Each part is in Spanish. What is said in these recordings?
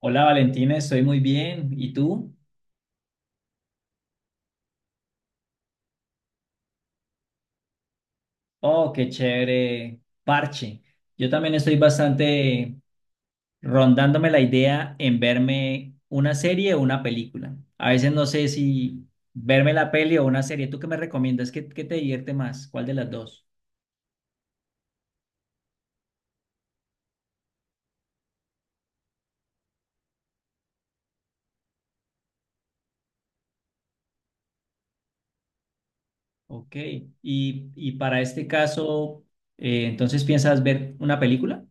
Hola Valentina, estoy muy bien. ¿Y tú? Oh, qué chévere parche. Yo también estoy bastante rondándome la idea en verme una serie o una película. A veces no sé si verme la peli o una serie. ¿Tú qué me recomiendas? ¿Qué te divierte más? ¿Cuál de las dos? Ok. Y para este caso, ¿entonces piensas ver una película?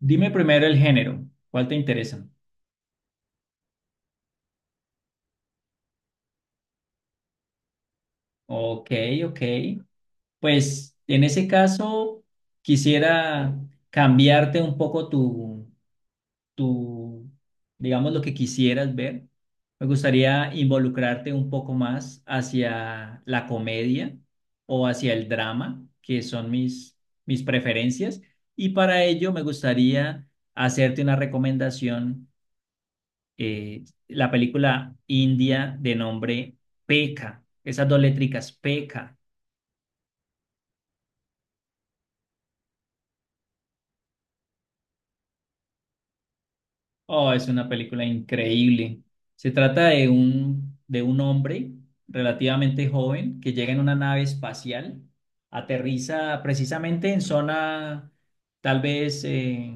Dime primero el género. ¿Cuál te interesa? Ok, ok. Pues en ese caso, quisiera cambiarte un poco tu, digamos, lo que quisieras ver. Me gustaría involucrarte un poco más hacia la comedia o hacia el drama, que son mis preferencias. Y para ello me gustaría hacerte una recomendación, la película india de nombre Peka, esas dos letricas, Peka. Oh, es una película increíble. Se trata de un hombre relativamente joven que llega en una nave espacial, aterriza precisamente en zona, tal vez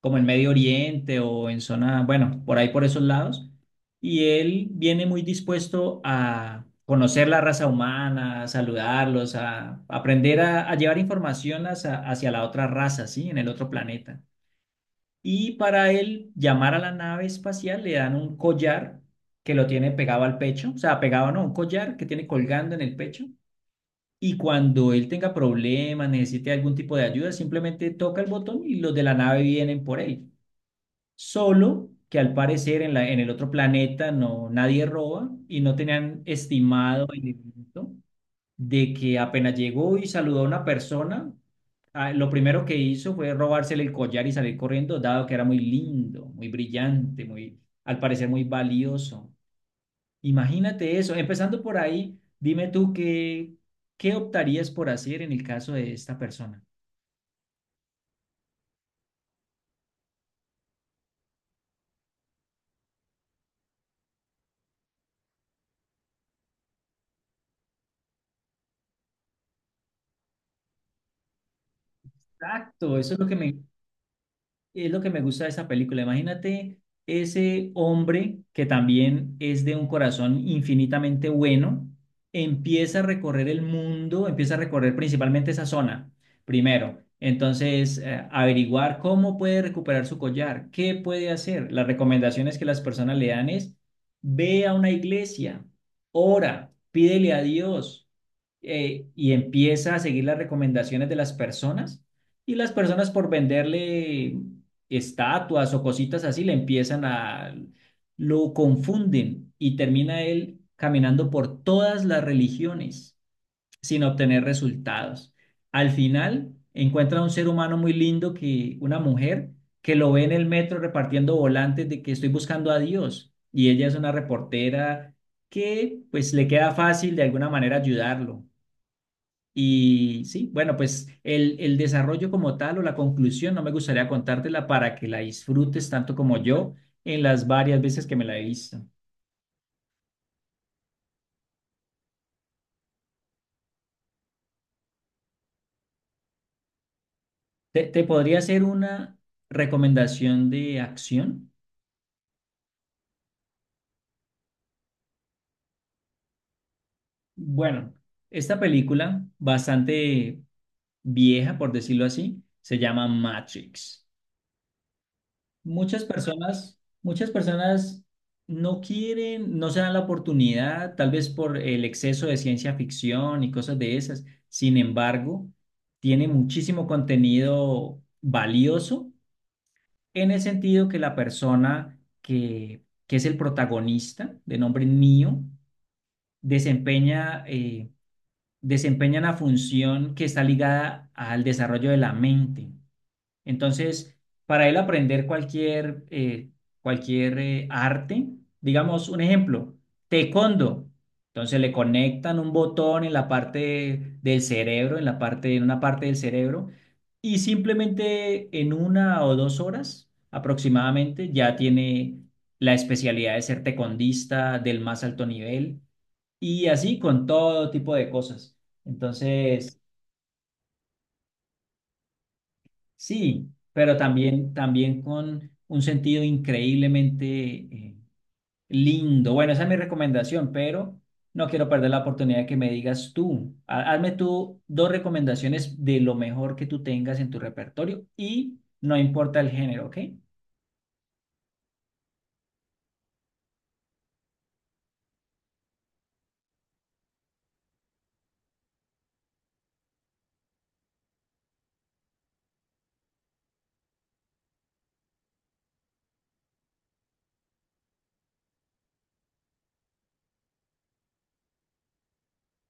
como en Medio Oriente o en zona, bueno, por ahí por esos lados. Y él viene muy dispuesto a conocer la raza humana, a saludarlos, a aprender a llevar información hacia la otra raza, ¿sí? En el otro planeta. Y para él llamar a la nave espacial le dan un collar que lo tiene pegado al pecho, o sea, pegado no, un collar que tiene colgando en el pecho. Y cuando él tenga problemas, necesite algún tipo de ayuda, simplemente toca el botón y los de la nave vienen por él. Solo que al parecer en el otro planeta no, nadie roba y no tenían estimado el evento de que apenas llegó y saludó a una persona, ah, lo primero que hizo fue robársele el collar y salir corriendo, dado que era muy lindo, muy brillante, muy, al parecer muy valioso. Imagínate eso. Empezando por ahí, dime tú qué optarías por hacer en el caso de esta persona. Exacto, eso es lo que me, es lo que me gusta de esa película. Imagínate ese hombre que también es de un corazón infinitamente bueno, empieza a recorrer el mundo, empieza a recorrer principalmente esa zona, primero. Entonces, averiguar cómo puede recuperar su collar, qué puede hacer. Las recomendaciones que las personas le dan es, ve a una iglesia, ora, pídele a Dios, y empieza a seguir las recomendaciones de las personas. Y las personas por venderle estatuas o cositas así, lo confunden y termina él caminando por todas las religiones sin obtener resultados. Al final encuentra a un ser humano muy lindo que, una mujer, que lo ve en el metro repartiendo volantes de que estoy buscando a Dios y ella es una reportera que pues le queda fácil de alguna manera ayudarlo. Y sí, bueno, pues el desarrollo como tal o la conclusión no me gustaría contártela para que la disfrutes tanto como yo en las varias veces que me la he visto. ¿Te podría hacer una recomendación de acción? Bueno, esta película, bastante vieja, por decirlo así, se llama Matrix. Muchas personas no quieren, no se dan la oportunidad, tal vez por el exceso de ciencia ficción y cosas de esas. Sin embargo, tiene muchísimo contenido valioso en el sentido que que es el protagonista, de nombre Neo, desempeña, eh, desempeña una función que está ligada al desarrollo de la mente. Entonces, para él aprender cualquier arte, digamos un ejemplo, taekwondo. Entonces le conectan un botón en la parte del cerebro, en una parte del cerebro, y simplemente en una o dos horas aproximadamente ya tiene la especialidad de ser taekwondista del más alto nivel y así con todo tipo de cosas. Entonces, sí, pero también con un sentido increíblemente lindo. Bueno, esa es mi recomendación, pero no quiero perder la oportunidad de que me digas tú. Hazme tú dos recomendaciones de lo mejor que tú tengas en tu repertorio y no importa el género, ¿ok?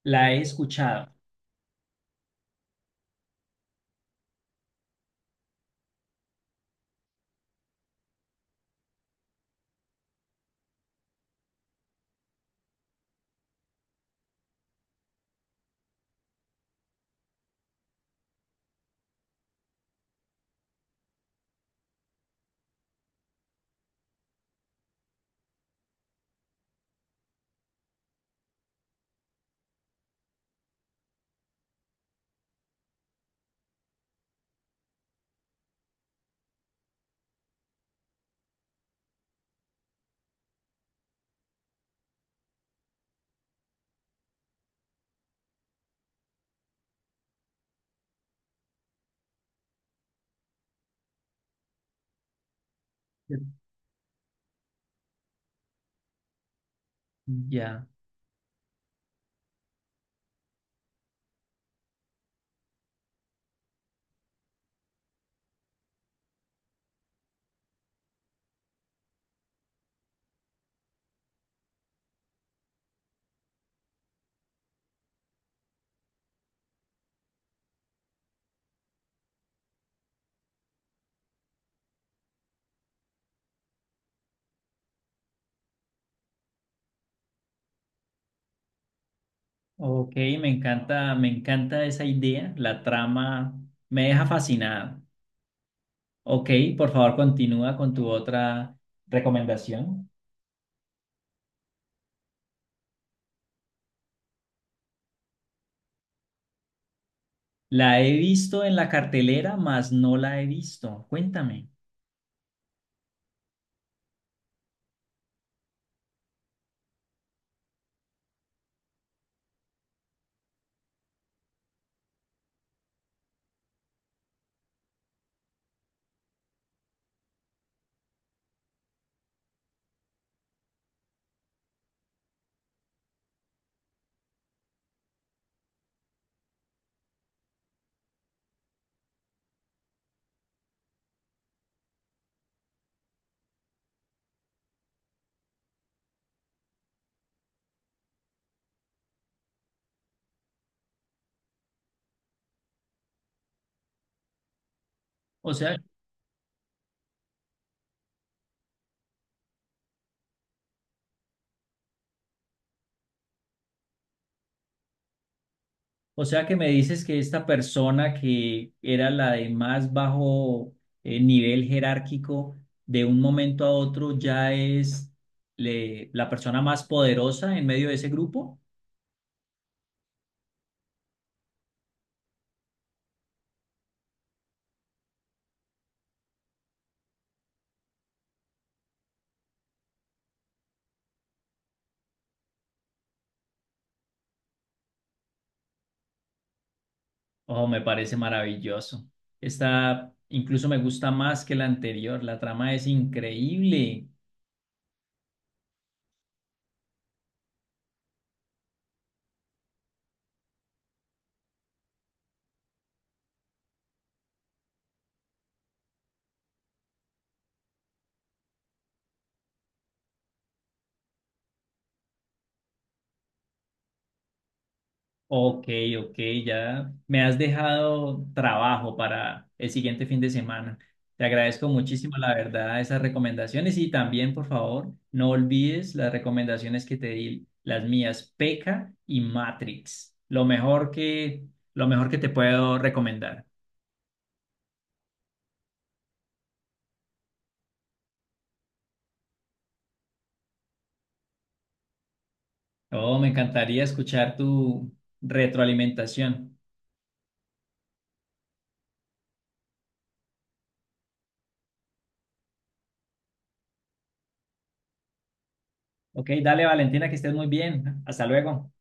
La he escuchado. Ya, ok, me encanta esa idea, la trama me deja fascinado. Ok, por favor, continúa con tu otra recomendación. La he visto en la cartelera, mas no la he visto. Cuéntame. O sea, o sea que me dices que esta persona que era la de más bajo, nivel jerárquico, de un momento a otro ya es la persona más poderosa en medio de ese grupo. Oh, me parece maravilloso. Esta incluso me gusta más que la anterior. La trama es increíble. Ok, ok, ya me has dejado trabajo para el siguiente fin de semana. Te agradezco muchísimo, la verdad, esas recomendaciones y también, por favor, no olvides las recomendaciones que te di, las mías, P.E.K.K.A. y Matrix, lo mejor que te puedo recomendar. Oh, me encantaría escuchar tu retroalimentación. Ok, dale, Valentina, que estés muy bien. Hasta luego.